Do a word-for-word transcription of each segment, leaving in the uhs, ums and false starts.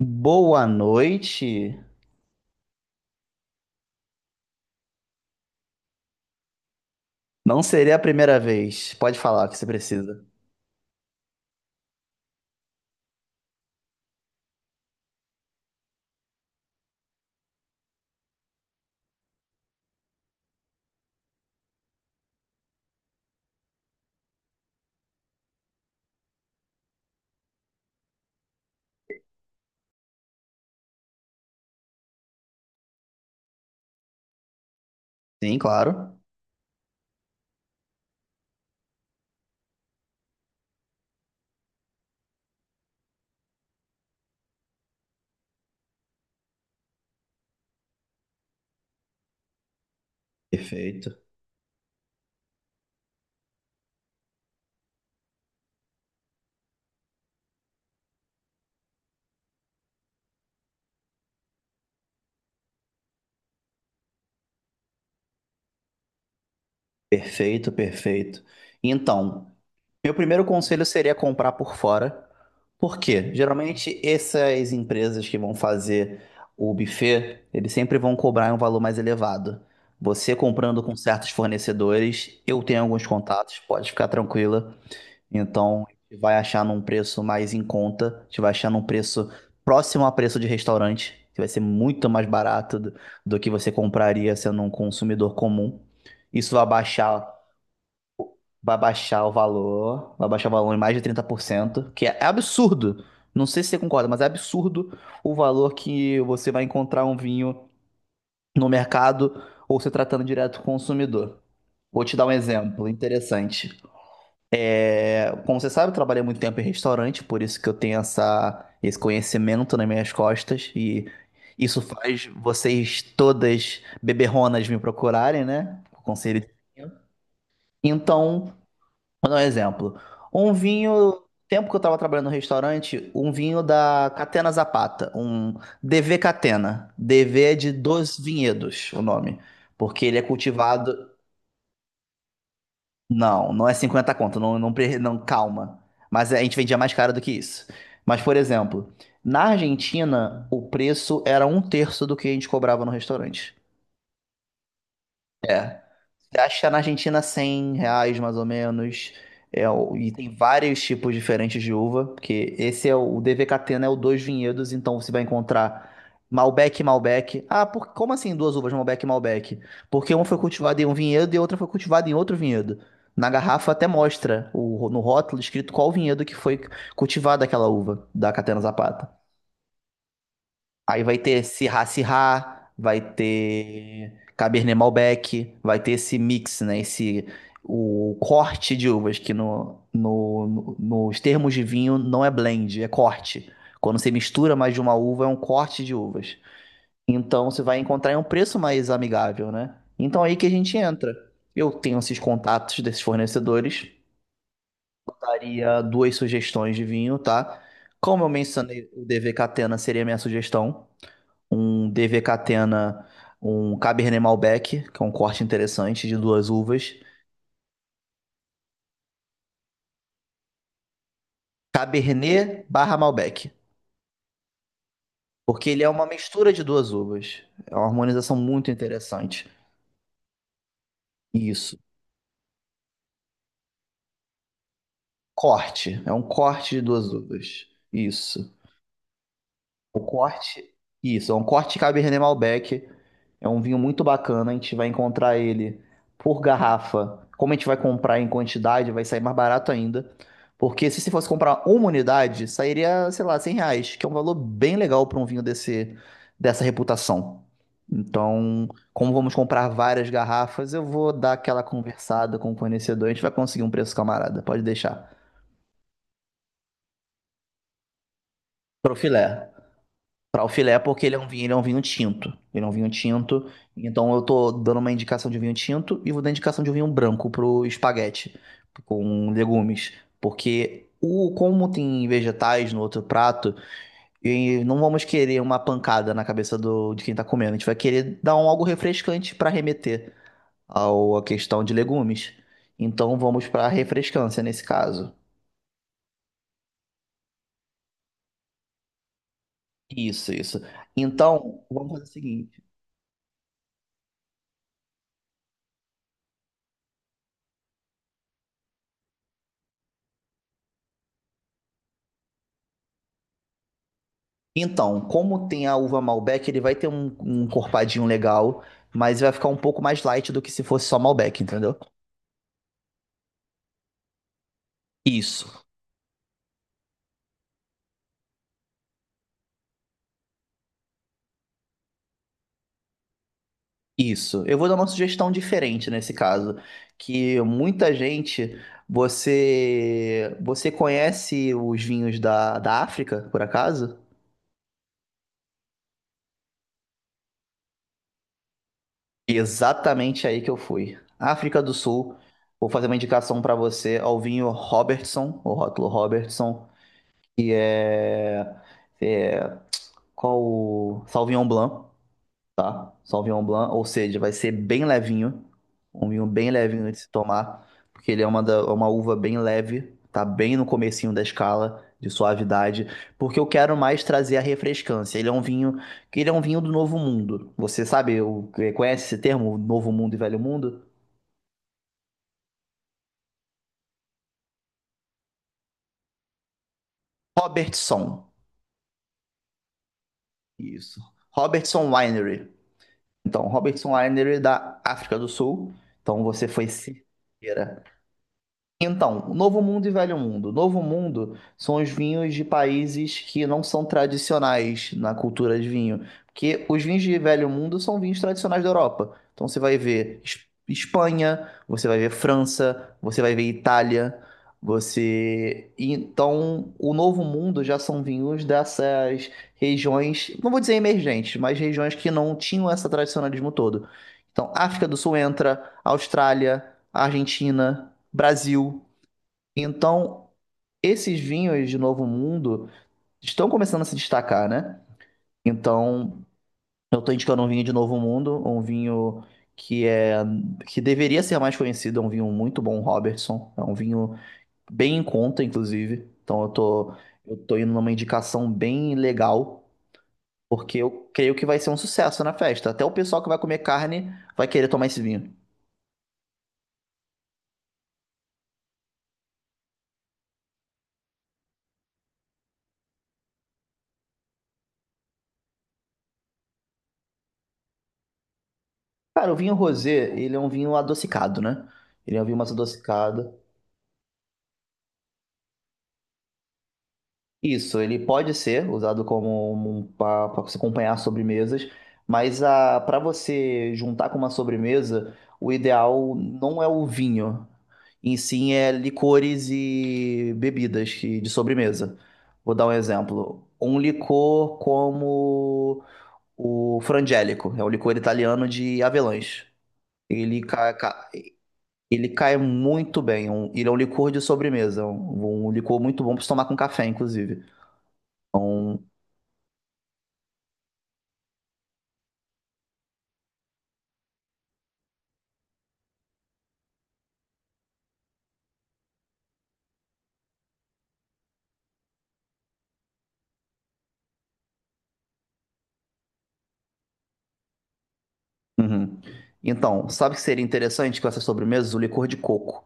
Boa noite. Não seria a primeira vez. Pode falar o que você precisa. Sim, claro. Perfeito. Perfeito, perfeito. Então, meu primeiro conselho seria comprar por fora. Por quê? Geralmente essas empresas que vão fazer o buffet, eles sempre vão cobrar um valor mais elevado. Você comprando com certos fornecedores, eu tenho alguns contatos, pode ficar tranquila. Então, a gente vai achar num preço mais em conta, a gente vai achar num preço próximo a preço de restaurante, que vai ser muito mais barato do, do que você compraria sendo um consumidor comum. Isso vai baixar, vai baixar o valor, vai baixar o valor em mais de trinta por cento, que é, é absurdo. Não sei se você concorda, mas é absurdo o valor que você vai encontrar um vinho no mercado ou se tratando direto com o consumidor. Vou te dar um exemplo interessante. É, Como você sabe, eu trabalhei muito tempo em restaurante, por isso que eu tenho essa, esse conhecimento nas minhas costas e isso faz vocês todas beberronas me procurarem, né? O Conselho. de vinho. Então, vou dar um exemplo. Um vinho, tempo que eu estava trabalhando no restaurante, um vinho da Catena Zapata, um D V Catena. D V é de Dos Vinhedos, o nome, porque ele é cultivado. Não, não é cinquenta conto, não, não, pre- não, calma. Mas a gente vendia mais caro do que isso. Mas, por exemplo, na Argentina, o preço era um terço do que a gente cobrava no restaurante. É. Acho que tá na Argentina cem reais, mais ou menos. É, o- e tem vários tipos diferentes de uva, porque esse é o, o D V K T, né? O Dois Vinhedos, então você vai encontrar Malbec e Malbec. Ah, por, como assim duas uvas, Malbec e Malbec? Porque uma foi cultivada em um vinhedo e a outra foi cultivada em outro vinhedo. Na garrafa até mostra o, no rótulo escrito qual vinhedo que foi cultivada aquela uva da Catena Zapata. Aí vai ter Sirá Sirá, vai ter Cabernet Malbec, vai ter esse mix, né? Esse, o corte de uvas, que no, no, no- nos termos de vinho não é blend, é corte. Quando você mistura mais de uma uva, é um corte de uvas. Então você vai encontrar em um preço mais amigável, né? Então aí que a gente entra. Eu tenho esses contatos desses fornecedores, daria duas sugestões de vinho, tá? Como eu mencionei, o D V Catena seria a minha sugestão. Um D V Catena, um Cabernet Malbec, que é um corte interessante de duas uvas. Cabernet barra Malbec, porque ele é uma mistura de duas uvas. É uma harmonização muito interessante. Isso. Corte, é um corte de duas uvas. Isso. O corte, isso, é um corte Cabernet Malbec. É um vinho muito bacana. A gente vai encontrar ele por garrafa. Como a gente vai comprar em quantidade, vai sair mais barato ainda. Porque se você fosse comprar uma unidade, sairia, sei lá, cem reais, que é um valor bem legal para um vinho desse, dessa reputação. Então, como vamos comprar várias garrafas, eu vou dar aquela conversada com o fornecedor. A gente vai conseguir um preço camarada, pode deixar. Pro filé. Para o filé, porque ele é um vinho, ele é um vinho tinto. Ele é um vinho tinto. Então eu tô dando uma indicação de vinho tinto e vou dar indicação de um vinho branco pro espaguete com legumes, porque o como tem vegetais no outro prato, e não vamos querer uma pancada na cabeça do de quem tá comendo. A gente vai querer dar um algo refrescante para remeter ao à questão de legumes. Então vamos para refrescância nesse caso. Isso, isso. Então, vamos fazer o seguinte. Então, como tem a uva Malbec, ele vai ter um, um encorpadinho legal, mas vai ficar um pouco mais light do que se fosse só Malbec, entendeu? Isso, isso. Eu vou dar uma sugestão diferente nesse caso, que muita gente, você, você conhece os vinhos da, da África, por acaso? Exatamente aí que eu fui. África do Sul, vou fazer uma indicação para você ao vinho Robertson, o rótulo Robertson, que é é qual o Sauvignon Blanc, tá? Sauvignon Blanc, ou seja, vai ser bem levinho, um vinho bem levinho de se tomar, porque ele é uma, da- uma uva bem leve, tá bem no comecinho da escala de suavidade, porque eu quero mais trazer a refrescância. Ele é um vinho, que ele é um vinho do Novo Mundo. Você sabe, o- conhece esse termo, Novo Mundo e Velho Mundo? Robertson, isso. Robertson Winery. Então, Robertson Winery é da África do Sul. Então, você foi certeira. Então, Novo Mundo e Velho Mundo. Novo Mundo são os vinhos de países que não são tradicionais na cultura de vinho, porque os vinhos de Velho Mundo são vinhos tradicionais da Europa. Então você vai ver Es- Espanha, você vai ver França, você vai ver Itália, você... Então, o Novo Mundo já são vinhos dessas regiões, não vou dizer emergentes, mas regiões que não tinham esse tradicionalismo todo. Então, África do Sul entra, Austrália, Argentina... Brasil. Então, esses vinhos de Novo Mundo estão começando a se destacar, né? Então, eu estou indicando um vinho de Novo Mundo, um vinho que é que deveria ser mais conhecido, é um vinho muito bom, Robertson. É um vinho bem em conta, inclusive. Então, eu tô, eu tô indo numa indicação bem legal, porque eu creio que vai ser um sucesso na festa. Até o pessoal que vai comer carne vai querer tomar esse vinho. Cara, o vinho rosé, ele é um vinho adocicado, né? Ele é um vinho mais adocicado. Isso, ele pode ser usado como para você acompanhar sobremesas, mas a para você juntar com uma sobremesa, o ideal não é o vinho, em sim é licores e bebidas que- de sobremesa. Vou dar um exemplo. Um licor como o Frangélico, é um licor italiano de avelãs. Ele, ca- ca- ele cai muito bem, um- ele é um licor de sobremesa, um, um licor muito bom para se tomar com café, inclusive. Uhum. Então, sabe o que seria interessante com essas sobremesas? O licor de coco.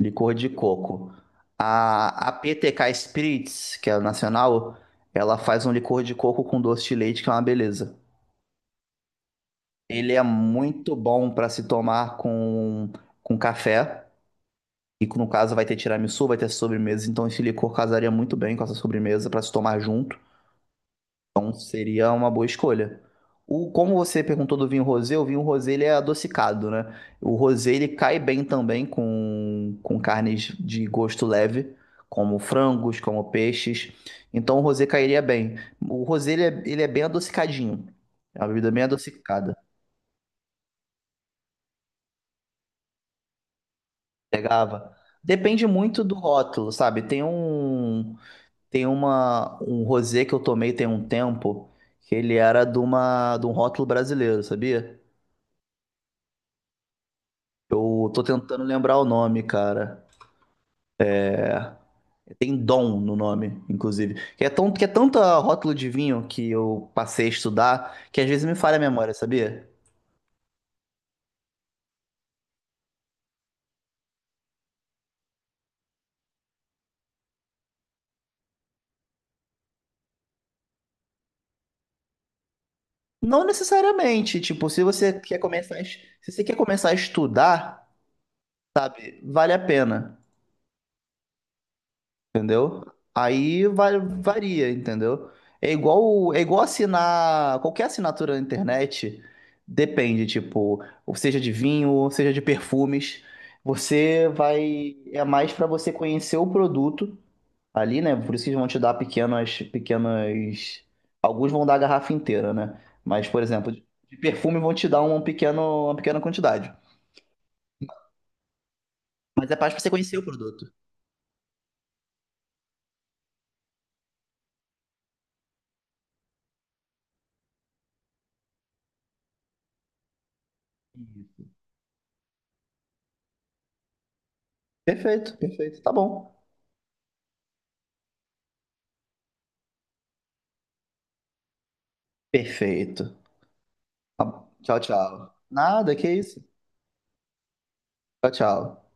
Licor de coco. A, a P T K Spirits, que é a nacional, ela faz um licor de coco com doce de leite, que é uma beleza. Ele é muito bom para se tomar com, com café. E no caso vai ter tiramisu, vai ter sobremesa. Então esse licor casaria muito bem com essa sobremesa para se tomar junto. Seria uma boa escolha. O, como você perguntou do vinho rosé, o vinho rosé ele é adocicado, né? O rosé ele cai bem também com, com carnes de gosto leve, como frangos, como peixes. Então o rosé cairia bem. O rosé ele é, ele é bem adocicadinho. É uma bebida bem adocicada. Pegava. Depende muito do rótulo, sabe? Tem um tem uma um rosé que eu tomei tem um tempo que ele era de uma de um rótulo brasileiro, sabia? Eu tô tentando lembrar o nome, cara. Tem Dom no nome, inclusive. Que é tão, que é tanta rótulo de vinho que eu passei a estudar que às vezes me falha a memória, sabia? Não necessariamente. Tipo, se você quer começar, a es- se você quer começar a estudar, vale a pena. entendeu? Aí vai, varia, entendeu? É igual, é igual assinar qualquer assinatura na internet, depende, tipo, ou seja de vinho, ou seja de perfumes, você vai, é mais para você conhecer o produto ali, né? Por isso que eles vão te dar pequenas, pequenas, alguns vão dar a garrafa inteira, né? Mas, por exemplo, de perfume vão te dar um pequeno, uma pequena quantidade. Mas é mais pra você conhecer o produto. Perfeito, perfeito. Tá bom. Perfeito. Tá bom. Tchau, tchau. Nada, que isso. Tchau, tchau.